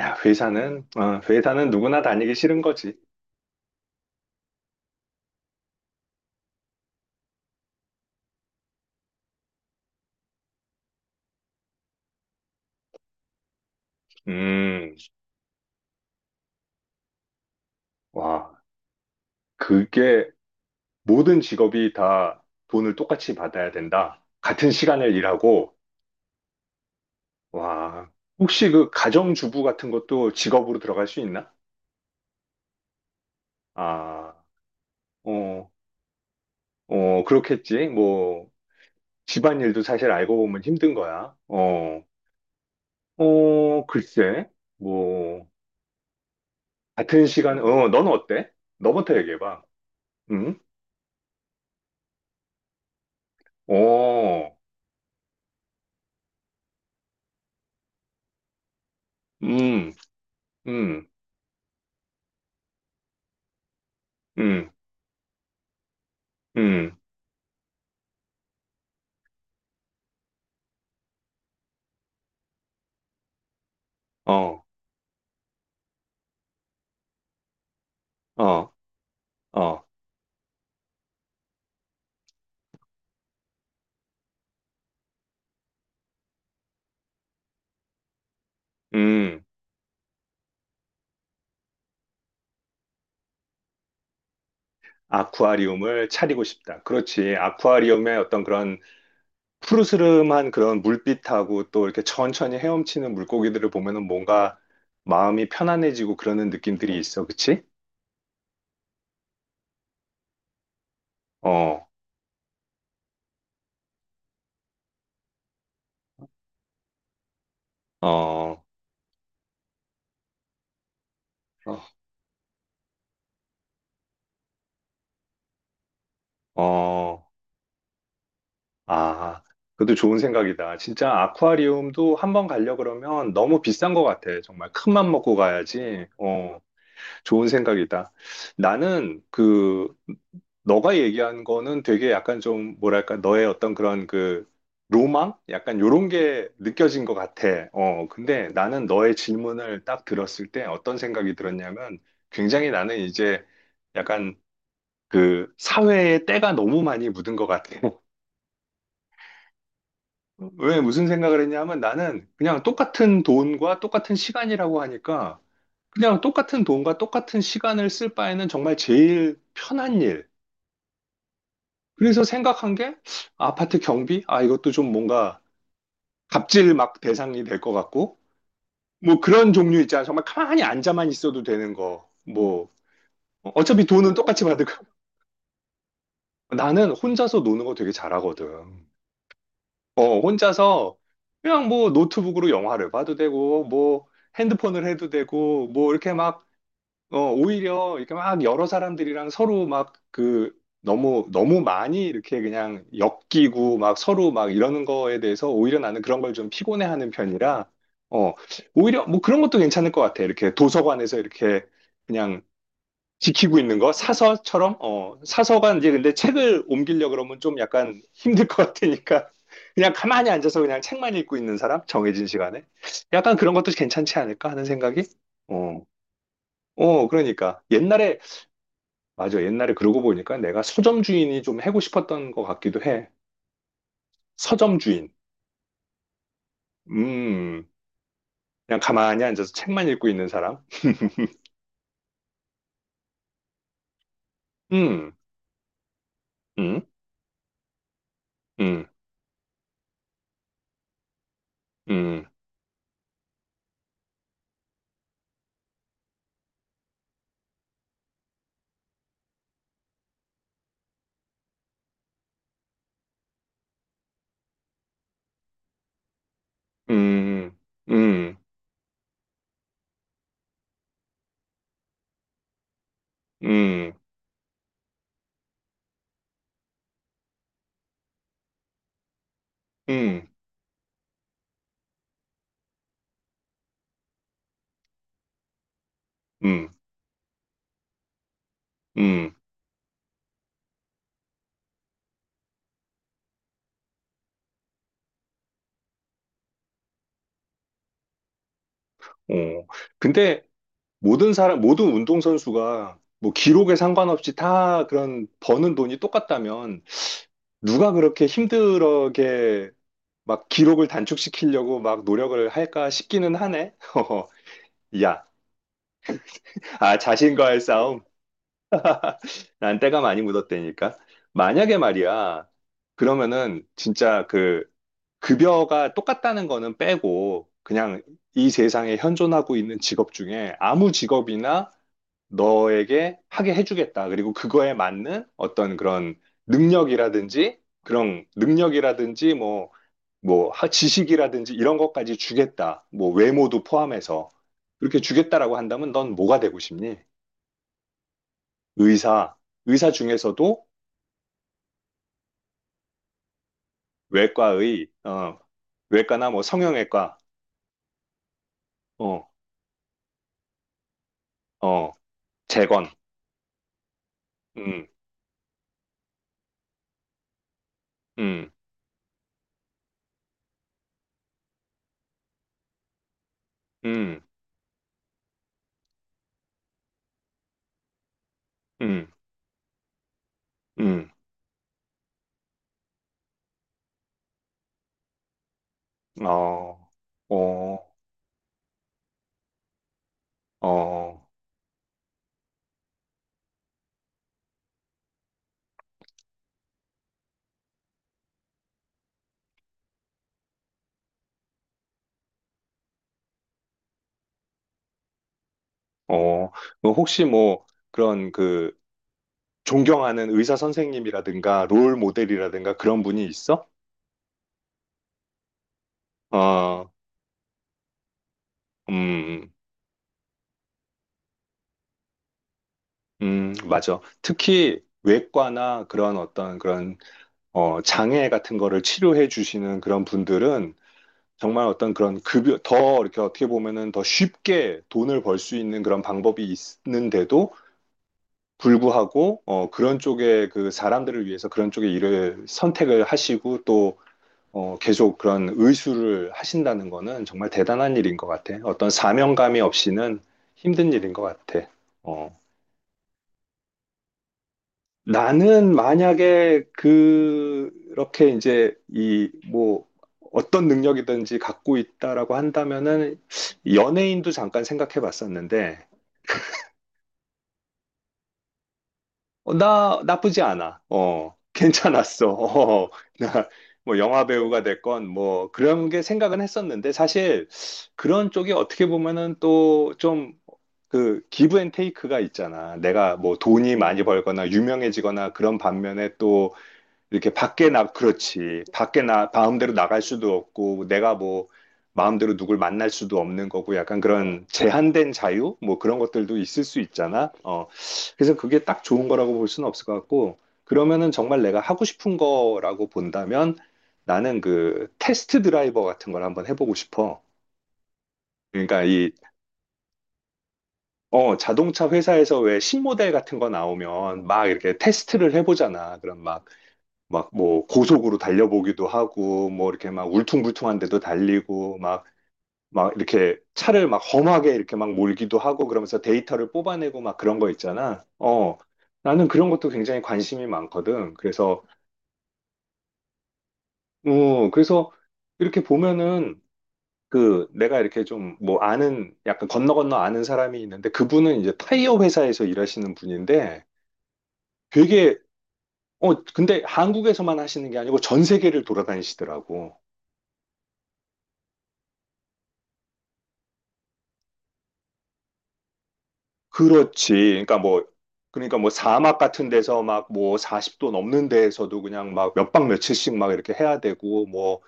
야, 회사는 누구나 다니기 싫은 거지. 음, 와, 그게 모든 직업이 다 돈을 똑같이 받아야 된다. 같은 시간을 일하고, 와, 혹시 그 가정주부 같은 것도 직업으로 들어갈 수 있나? 아, 어, 어, 그렇겠지. 뭐, 집안일도 사실 알고 보면 힘든 거야. 어, 어, 글쎄, 뭐, 같은 시간, 어, 넌 어때? 너부터 얘기해봐. 응? 어, 음. 음. 음, 음, 어, 어, 어, 음, 아쿠아리움을 차리고 싶다. 그렇지. 아쿠아리움의 어떤 그런 푸르스름한 그런 물빛하고 또 이렇게 천천히 헤엄치는 물고기들을 보면은 뭔가 마음이 편안해지고 그러는 느낌들이 있어. 그치? 어, 어, 어, 어, 아, 그것도 좋은 생각이다. 진짜 아쿠아리움도 한번 가려 그러면 너무 비싼 것 같아. 정말 큰 맘 먹고 가야지. 어, 좋은 생각이다. 나는 그 너가 얘기한 거는 되게 약간 좀 뭐랄까 너의 어떤 그런 그 로망? 약간 요런 게 느껴진 것 같아. 어, 근데 나는 너의 질문을 딱 들었을 때 어떤 생각이 들었냐면 굉장히 나는 이제 약간 그 사회에 때가 너무 많이 묻은 것 같아. 왜 무슨 생각을 했냐면 나는 그냥 똑같은 돈과 똑같은 시간이라고 하니까 그냥 똑같은 돈과 똑같은 시간을 쓸 바에는 정말 제일 편한 일. 그래서 생각한 게 아파트 경비? 아, 이것도 좀 뭔가 갑질 막 대상이 될 것 같고. 뭐 그런 종류 있잖아. 정말 가만히 앉아만 있어도 되는 거. 뭐 어차피 돈은 똑같이 받을 거. 나는 혼자서 노는 거 되게 잘하거든. 어, 혼자서 그냥 뭐 노트북으로 영화를 봐도 되고, 뭐 핸드폰을 해도 되고, 뭐 이렇게 막 어, 오히려 이렇게 막 여러 사람들이랑 서로 막 그 너무 너무 많이 이렇게 그냥 엮이고 막 서로 막 이러는 거에 대해서 오히려 나는 그런 걸 좀 피곤해하는 편이라 어, 오히려 뭐 그런 것도 괜찮을 것 같아. 이렇게 도서관에서 이렇게 그냥 지키고 있는 거 사서처럼 어, 사서가 이제 근데 책을 옮기려 그러면 좀 약간 힘들 것 같으니까 그냥 가만히 앉아서 그냥 책만 읽고 있는 사람 정해진 시간에 약간 그런 것도 괜찮지 않을까 하는 생각이. 어. 어, 그러니까. 옛날에 맞아. 옛날에 그러고 보니까 내가 서점 주인이 좀 하고 싶었던 것 같기도 해. 서점 주인. 음. 그냥 가만히 앉아서 책만 읽고 있는 사람. 음. 음. 음. 음. 음. 음. 음. 음. 음. 음. 어. 근데 모든 사람, 모든 운동선수가 뭐 기록에 상관없이 다 그런 버는 돈이 똑같다면 누가 그렇게 힘들게 막 기록을 단축시키려고 막 노력을 할까 싶기는 하네. 허허. 야, 아, 자신과의 싸움? 난 때가 많이 묻었다니까. 만약에 말이야, 그러면은 진짜 그 급여가 똑같다는 거는 빼고 그냥 이 세상에 현존하고 있는 직업 중에 아무 직업이나 너에게 하게 해주겠다. 그리고 그거에 맞는 어떤 그런 능력이라든지 뭐, 지식이라든지 이런 것까지 주겠다. 뭐 외모도 포함해서 그렇게 주겠다라고 한다면 넌 뭐가 되고 싶니? 의사, 의사 중에서도 외과의, 어, 외과나 뭐 성형외과, 어, 어, 재건, 음, 음, 음, 음, 음, 어, 어, 어, 어, 뭐 혹시 뭐 그런 그 존경하는 의사 선생님이라든가 롤 모델이라든가 그런 분이 있어? 어, 음, 음, 맞아. 특히 외과나 그런 어떤 그런 어, 장애 같은 거를 치료해 주시는 그런 분들은 정말 어떤 그런 급여, 더 이렇게 어떻게 보면은 더 쉽게 돈을 벌 수 있는 그런 방법이 있는데도 불구하고, 어, 그런 쪽에 그 사람들을 위해서 그런 쪽의 일을 선택을 하시고 또, 어, 계속 그런 의수를 하신다는 거는 정말 대단한 일인 것 같아. 어떤 사명감이 없이는 힘든 일인 것 같아. 어. 나는 만약에 그렇게 이제 이 뭐 어떤 능력이든지 갖고 있다라고 한다면은 연예인도 잠깐 생각해 봤었는데 어, 나 나쁘지 않아. 어, 괜찮았어. 어, 나뭐 영화 배우가 됐건 뭐 그런 게 생각은 했었는데 사실 그런 쪽이 어떻게 보면은 또 좀 그 기브 앤 테이크가 있잖아. 내가 뭐 돈이 많이 벌거나 유명해지거나 그런 반면에 이렇게 밖에 나, 그렇지. 밖에 나, 마음대로 나갈 수도 없고, 내가 뭐, 마음대로 누굴 만날 수도 없는 거고, 약간 그런 제한된 자유? 뭐 그런 것들도 있을 수 있잖아. 어, 그래서 그게 딱 좋은 거라고 볼 수는 없을 것 같고, 그러면은 정말 내가 하고 싶은 거라고 본다면 나는 그 테스트 드라이버 같은 걸 한번 해보고 싶어. 그러니까 이, 어, 자동차 회사에서 왜 신모델 같은 거 나오면 막 이렇게 테스트를 해보잖아. 그런막 막 뭐 고속으로 달려보기도 하고 뭐 이렇게 막 울퉁불퉁한 데도 달리고 막 막 이렇게 차를 막 험하게 이렇게 막 몰기도 하고 그러면서 데이터를 뽑아내고 막 그런 거 있잖아. 어. 나는 그런 것도 굉장히 관심이 많거든. 그래서 어, 그래서 이렇게 보면은 그 내가 이렇게 좀 뭐 아는 약간 건너 건너 아는 사람이 있는데 그분은 이제 타이어 회사에서 일하시는 분인데 되게 어 근데 한국에서만 하시는 게 아니고 전 세계를 돌아다니시더라고. 그렇지. 그러니까 뭐, 그러니까 뭐 사막 같은 데서 막 뭐 40도 넘는 데에서도 그냥 막 몇 박 며칠씩 막 이렇게 해야 되고, 뭐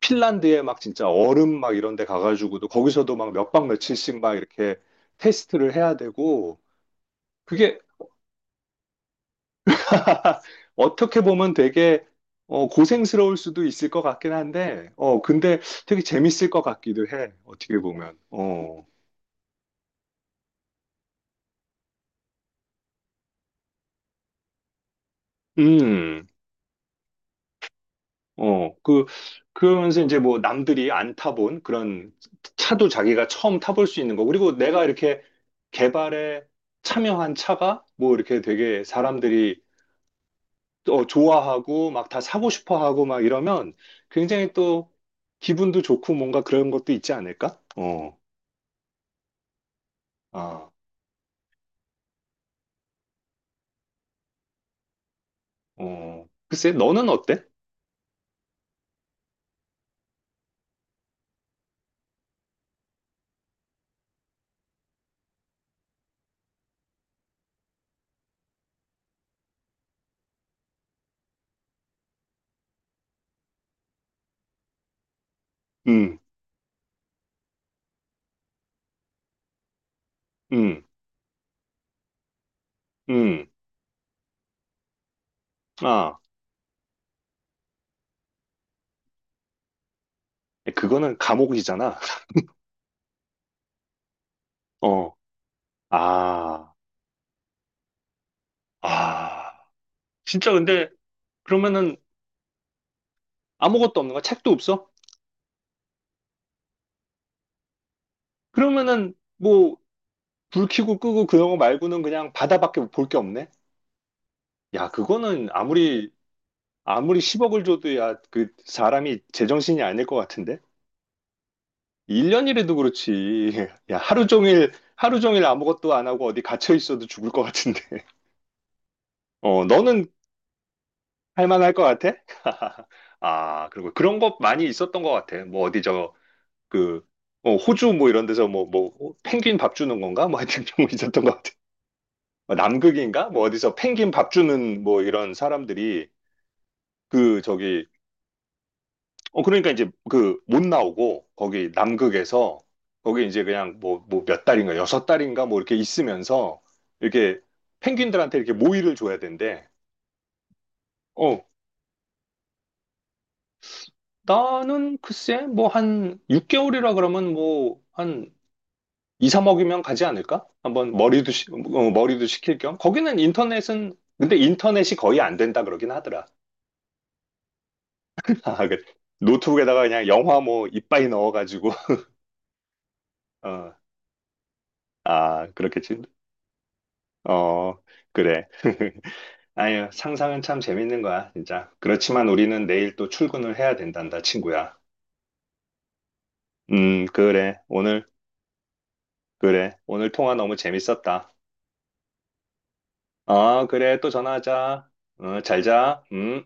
핀란드에 막 진짜 얼음 막 이런 데 가가지고도 거기서도 막 몇 박 며칠씩 막 이렇게 테스트를 해야 되고, 그게 어떻게 보면 되게 어, 고생스러울 수도 있을 것 같긴 한데, 어, 근데 되게 재밌을 것 같기도 해. 어떻게 보면. 어. 음. 어, 그, 그러면서 이제 뭐 남들이 안 타본 그런 차도 자기가 처음 타볼 수 있는 거. 그리고 내가 이렇게 개발에 참여한 차가 뭐 이렇게 되게 사람들이 또 좋아하고 막 다 사고 싶어 하고 막 이러면 굉장히 또 기분도 좋고 뭔가 그런 것도 있지 않을까? 어, 아, 어. 글쎄, 너는 어때? 음, 음, 음. 아, 그거는 감옥이잖아. 어, 아, 아. 진짜 근데 그러면은 아무것도 없는 거야? 책도 없어? 그러면은 뭐 불 켜고 끄고 그런 거 말고는 그냥 바다밖에 볼 게 없네? 야, 그거는 아무리 10억을 줘도 야, 그 사람이 제정신이 아닐 것 같은데? 1년이라도 그렇지. 야, 하루 종일 아무것도 안 하고 어디 갇혀 있어도 죽을 것 같은데. 어, 너는 할 만할 것 같아? 아, 그리고 그런 것 많이 있었던 것 같아. 뭐 어디 저그 어, 호주 뭐 이런 데서 어, 펭귄 밥 주는 건가? 뭐 하여튼 그런 거 있었던 것 같아. 어, 남극인가? 뭐 어디서 펭귄 밥 주는 뭐 이런 사람들이 그 저기 어 그러니까 이제 그 못 나오고 거기 남극에서 거기 이제 그냥 뭐 몇 달인가 여섯 달인가 뭐 이렇게 있으면서 이렇게 펭귄들한테 이렇게 모이를 줘야 된대. 어 나는 글쎄 뭐 한 6개월이라 그러면 뭐 한 2, 3억이면 가지 않을까? 한번 머리도 식힐 겸 거기는 인터넷은 근데 인터넷이 거의 안 된다 그러긴 하더라. 아, 그 노트북에다가 그냥 영화 뭐 이빠이 넣어가지고 어, 아 그렇겠지. 어 그래. 아유 상상은 참 재밌는 거야. 진짜 그렇지만 우리는 내일 또 출근을 해야 된단다 친구야. 그래 오늘. 그래 오늘 통화 너무 재밌었다. 아 그래 또 전화하자. 어, 잘자.